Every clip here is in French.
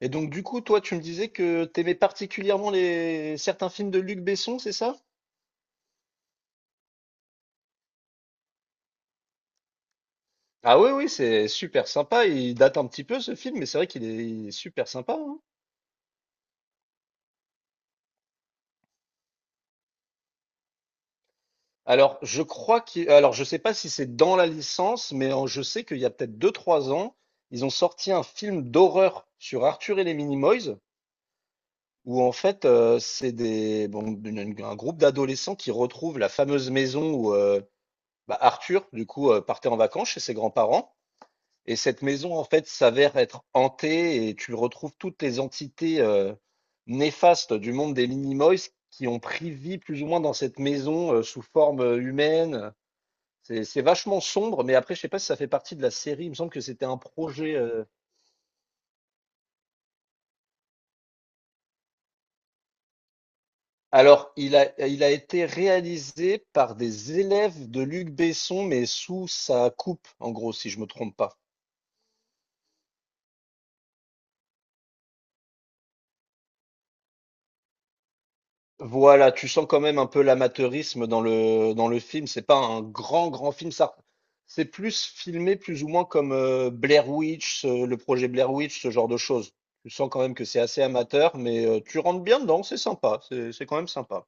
Et donc, du coup, toi, tu me disais que t'aimais particulièrement les certains films de Luc Besson, c'est ça? Ah oui, oui, c'est super sympa. Il date un petit peu ce film, mais c'est vrai qu'il est super sympa, hein. Alors, je sais pas si c'est dans la licence, mais je sais qu'il y a peut-être 2, 3 ans, ils ont sorti un film d'horreur sur Arthur et les Minimoys, où en fait, c'est des, bon, un groupe d'adolescents qui retrouvent la fameuse maison où bah, Arthur, du coup, partait en vacances chez ses grands-parents. Et cette maison, en fait, s'avère être hantée et tu retrouves toutes les entités néfastes du monde des Minimoys qui ont pris vie plus ou moins dans cette maison sous forme humaine. C'est vachement sombre, mais après, je sais pas si ça fait partie de la série. Il me semble que c'était un projet, Alors, il a été réalisé par des élèves de Luc Besson, mais sous sa coupe, en gros, si je me trompe pas. Voilà, tu sens quand même un peu l'amateurisme dans le film. C'est pas un grand, grand film. Ça, c'est plus filmé plus ou moins comme Blair Witch, le projet Blair Witch, ce genre de choses. Tu sens quand même que c'est assez amateur, mais tu rentres bien dedans, c'est sympa. C'est quand même sympa.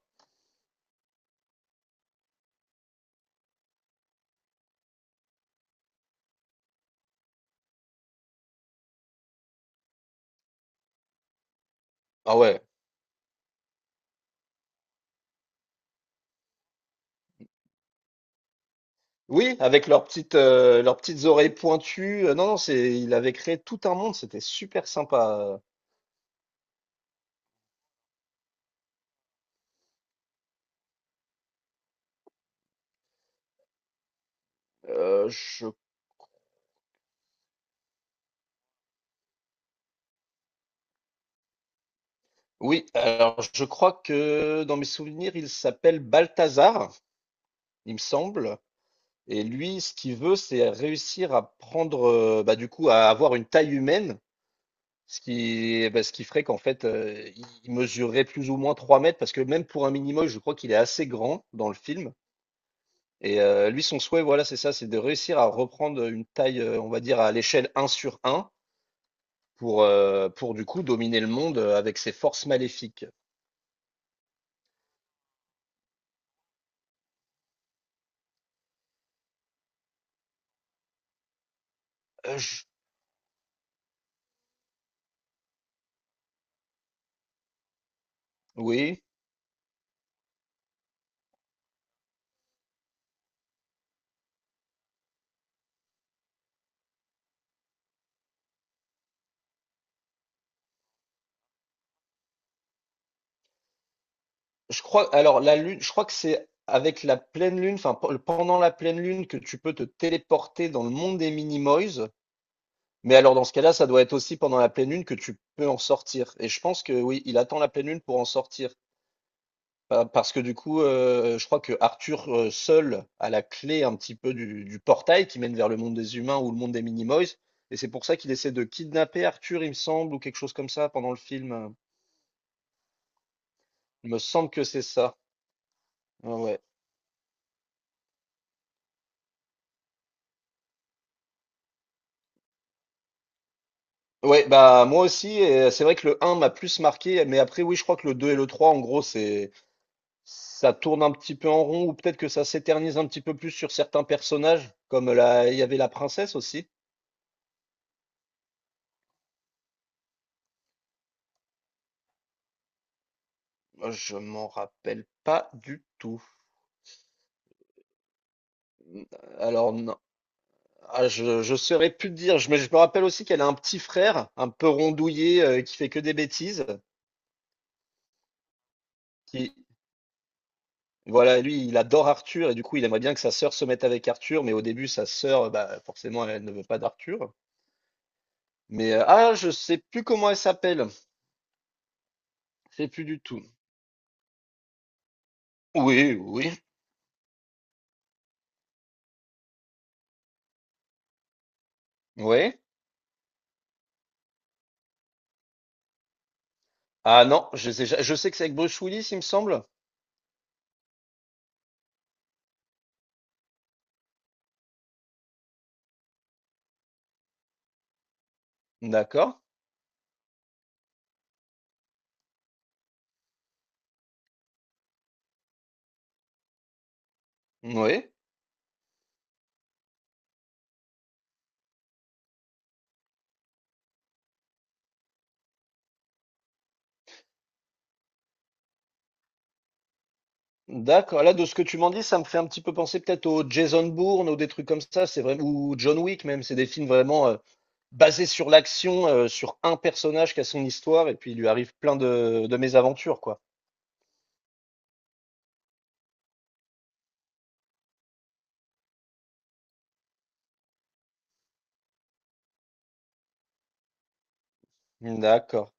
Ah ouais. Oui, avec leurs petites oreilles pointues. Non, non, c'est, il avait créé tout un monde. C'était super sympa. Euh, je, oui, alors je crois que dans mes souvenirs, il s'appelle Balthazar, il me semble. Et lui, ce qu'il veut, c'est réussir à prendre, bah, du coup, à avoir une taille humaine, ce qui ferait qu'en fait, il mesurerait plus ou moins 3 mètres, parce que même pour un mini-moche, je crois qu'il est assez grand dans le film. Et lui, son souhait, voilà, c'est ça, c'est de réussir à reprendre une taille, on va dire, à l'échelle un sur un, pour du coup dominer le monde avec ses forces maléfiques. Euh, je- Oui. Je crois, alors la lune, je crois que c'est avec la pleine lune, enfin pendant la pleine lune que tu peux te téléporter dans le monde des Minimoys. Mais alors dans ce cas-là, ça doit être aussi pendant la pleine lune que tu peux en sortir. Et je pense que oui, il attend la pleine lune pour en sortir. Parce que du coup, je crois que Arthur seul a la clé un petit peu du portail qui mène vers le monde des humains ou le monde des Minimoys. Et c'est pour ça qu'il essaie de kidnapper Arthur, il me semble, ou quelque chose comme ça pendant le film. Il me semble que c'est ça. Ouais, ouais. Ouais, bah moi aussi, et c'est vrai que le un m'a plus marqué, mais après oui, je crois que le 2 et le 3, en gros, c'est ça tourne un petit peu en rond, ou peut-être que ça s'éternise un petit peu plus sur certains personnages, comme la... il y avait la princesse aussi. Je m'en rappelle pas du tout. Alors non. Je saurais plus te dire, mais je me rappelle aussi qu'elle a un petit frère, un peu rondouillé, qui fait que des bêtises, qui voilà, lui, il adore Arthur, et du coup, il aimerait bien que sa sœur se mette avec Arthur, mais au début, sa sœur, bah forcément, elle ne veut pas d'Arthur. Mais je sais plus comment elle s'appelle. Je sais plus du tout. Oui, oui. Oui. Ah non, je sais que c'est avec Bruce Willis, il me semble. D'accord. Oui. D'accord. Là, de ce que tu m'en dis, ça me fait un petit peu penser peut-être au Jason Bourne ou des trucs comme ça. C'est vraiment ou John Wick même. C'est des films vraiment basés sur l'action, sur un personnage qui a son histoire et puis il lui arrive plein de mésaventures, quoi. D'accord.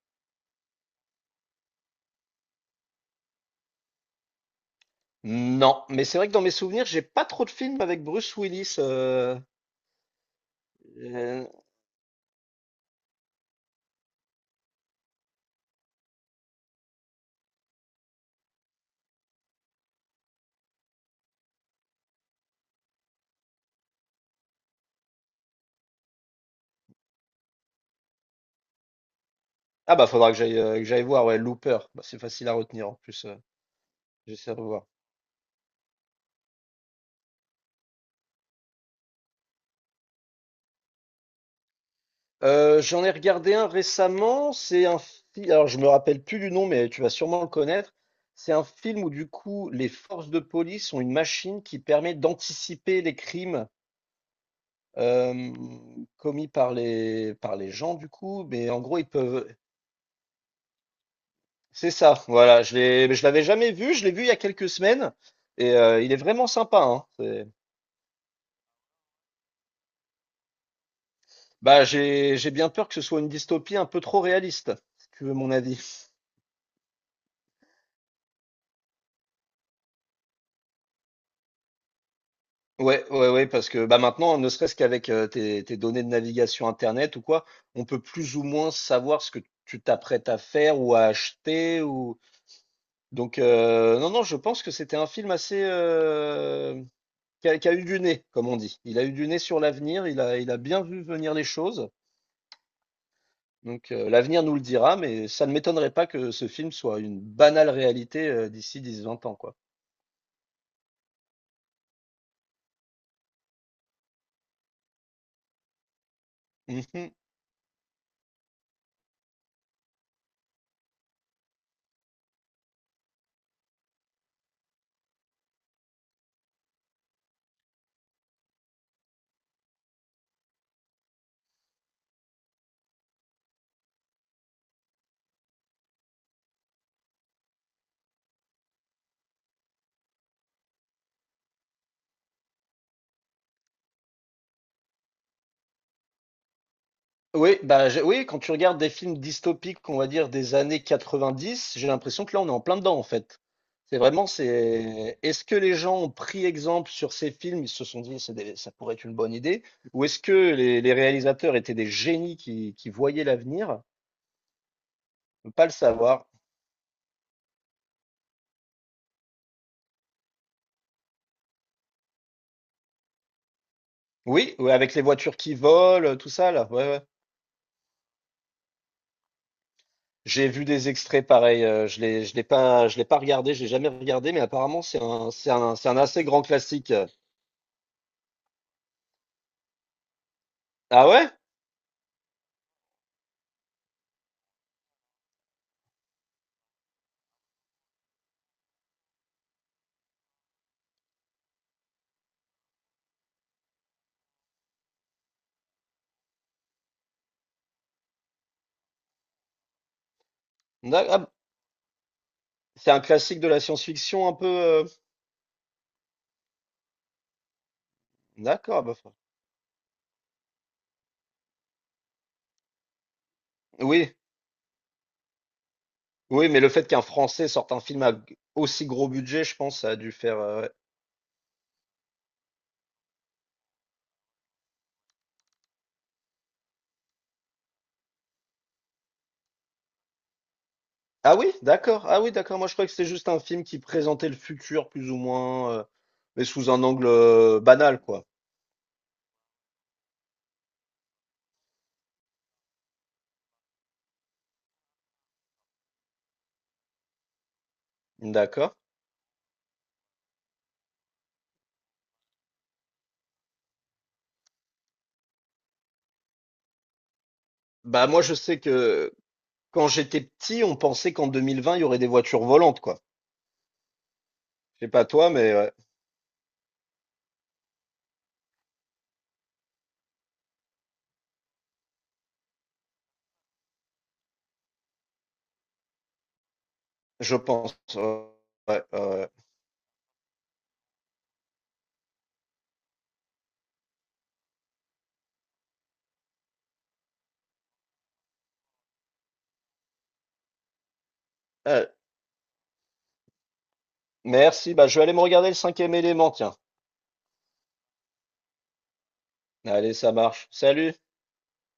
Non, mais c'est vrai que dans mes souvenirs, j'ai pas trop de films avec Bruce Willis, euh, ah bah faudra que j'aille voir, ouais, Looper. Bah, c'est facile à retenir en plus, j'essaie de revoir. J'en ai regardé un récemment, c'est un film, alors je me rappelle plus du nom, mais tu vas sûrement le connaître. C'est un film où du coup les forces de police ont une machine qui permet d'anticiper les crimes euh, commis par les gens du coup, mais en gros ils peuvent. C'est ça, voilà, je l'avais jamais vu, je l'ai vu il y a quelques semaines et il est vraiment sympa, hein. C'est- Bah, j'ai bien peur que ce soit une dystopie un peu trop réaliste, si tu veux mon avis. Ouais, ouais, ouais, parce que bah maintenant, ne serait-ce qu'avec tes données de navigation internet ou quoi, on peut plus ou moins savoir ce que tu t'apprêtes à faire ou à acheter ou donc non, non, je pense que c'était un film assez qui a eu du nez, comme on dit. Il a eu du nez sur l'avenir, il a bien vu venir les choses. Donc l'avenir nous le dira, mais ça ne m'étonnerait pas que ce film soit une banale réalité d'ici 10 20 ans, quoi. Mhm. Oui, oui, quand tu regardes des films dystopiques, on va dire des années 90, j'ai l'impression que là, on est en plein dedans, en fait. C'est vraiment, c'est, est-ce que les gens ont pris exemple sur ces films, ils se sont dit, ça pourrait être une bonne idée, ou est-ce que les réalisateurs étaient des génies qui voyaient l'avenir? On peut pas le savoir. Oui, ouais, avec les voitures qui volent, tout ça, là. Ouais, ouais. J'ai vu des extraits pareils, je l'ai pas regardé, je l'ai jamais regardé, mais apparemment, c'est un assez grand classique. Ah ouais? C'est un classique de la science-fiction un peu, heu? D'accord, bah, enfin oui, oui, mais le fait qu'un Français sorte un film à g aussi gros budget, je pense ça a dû faire, ouais. Ah oui? D'accord, ah oui, d'accord, moi je croyais que c'était juste un film qui présentait le futur plus ou moins, mais sous un angle, banal, quoi. D'accord. Bah, moi je sais que quand j'étais petit, on pensait qu'en 2020 il y aurait des voitures volantes, quoi. Je sais pas toi, mais ouais, je pense, ouais, ouais, ouais, ouais. Merci, bah, je vais aller me regarder «Le cinquième élément», tiens. Allez, ça marche. Salut!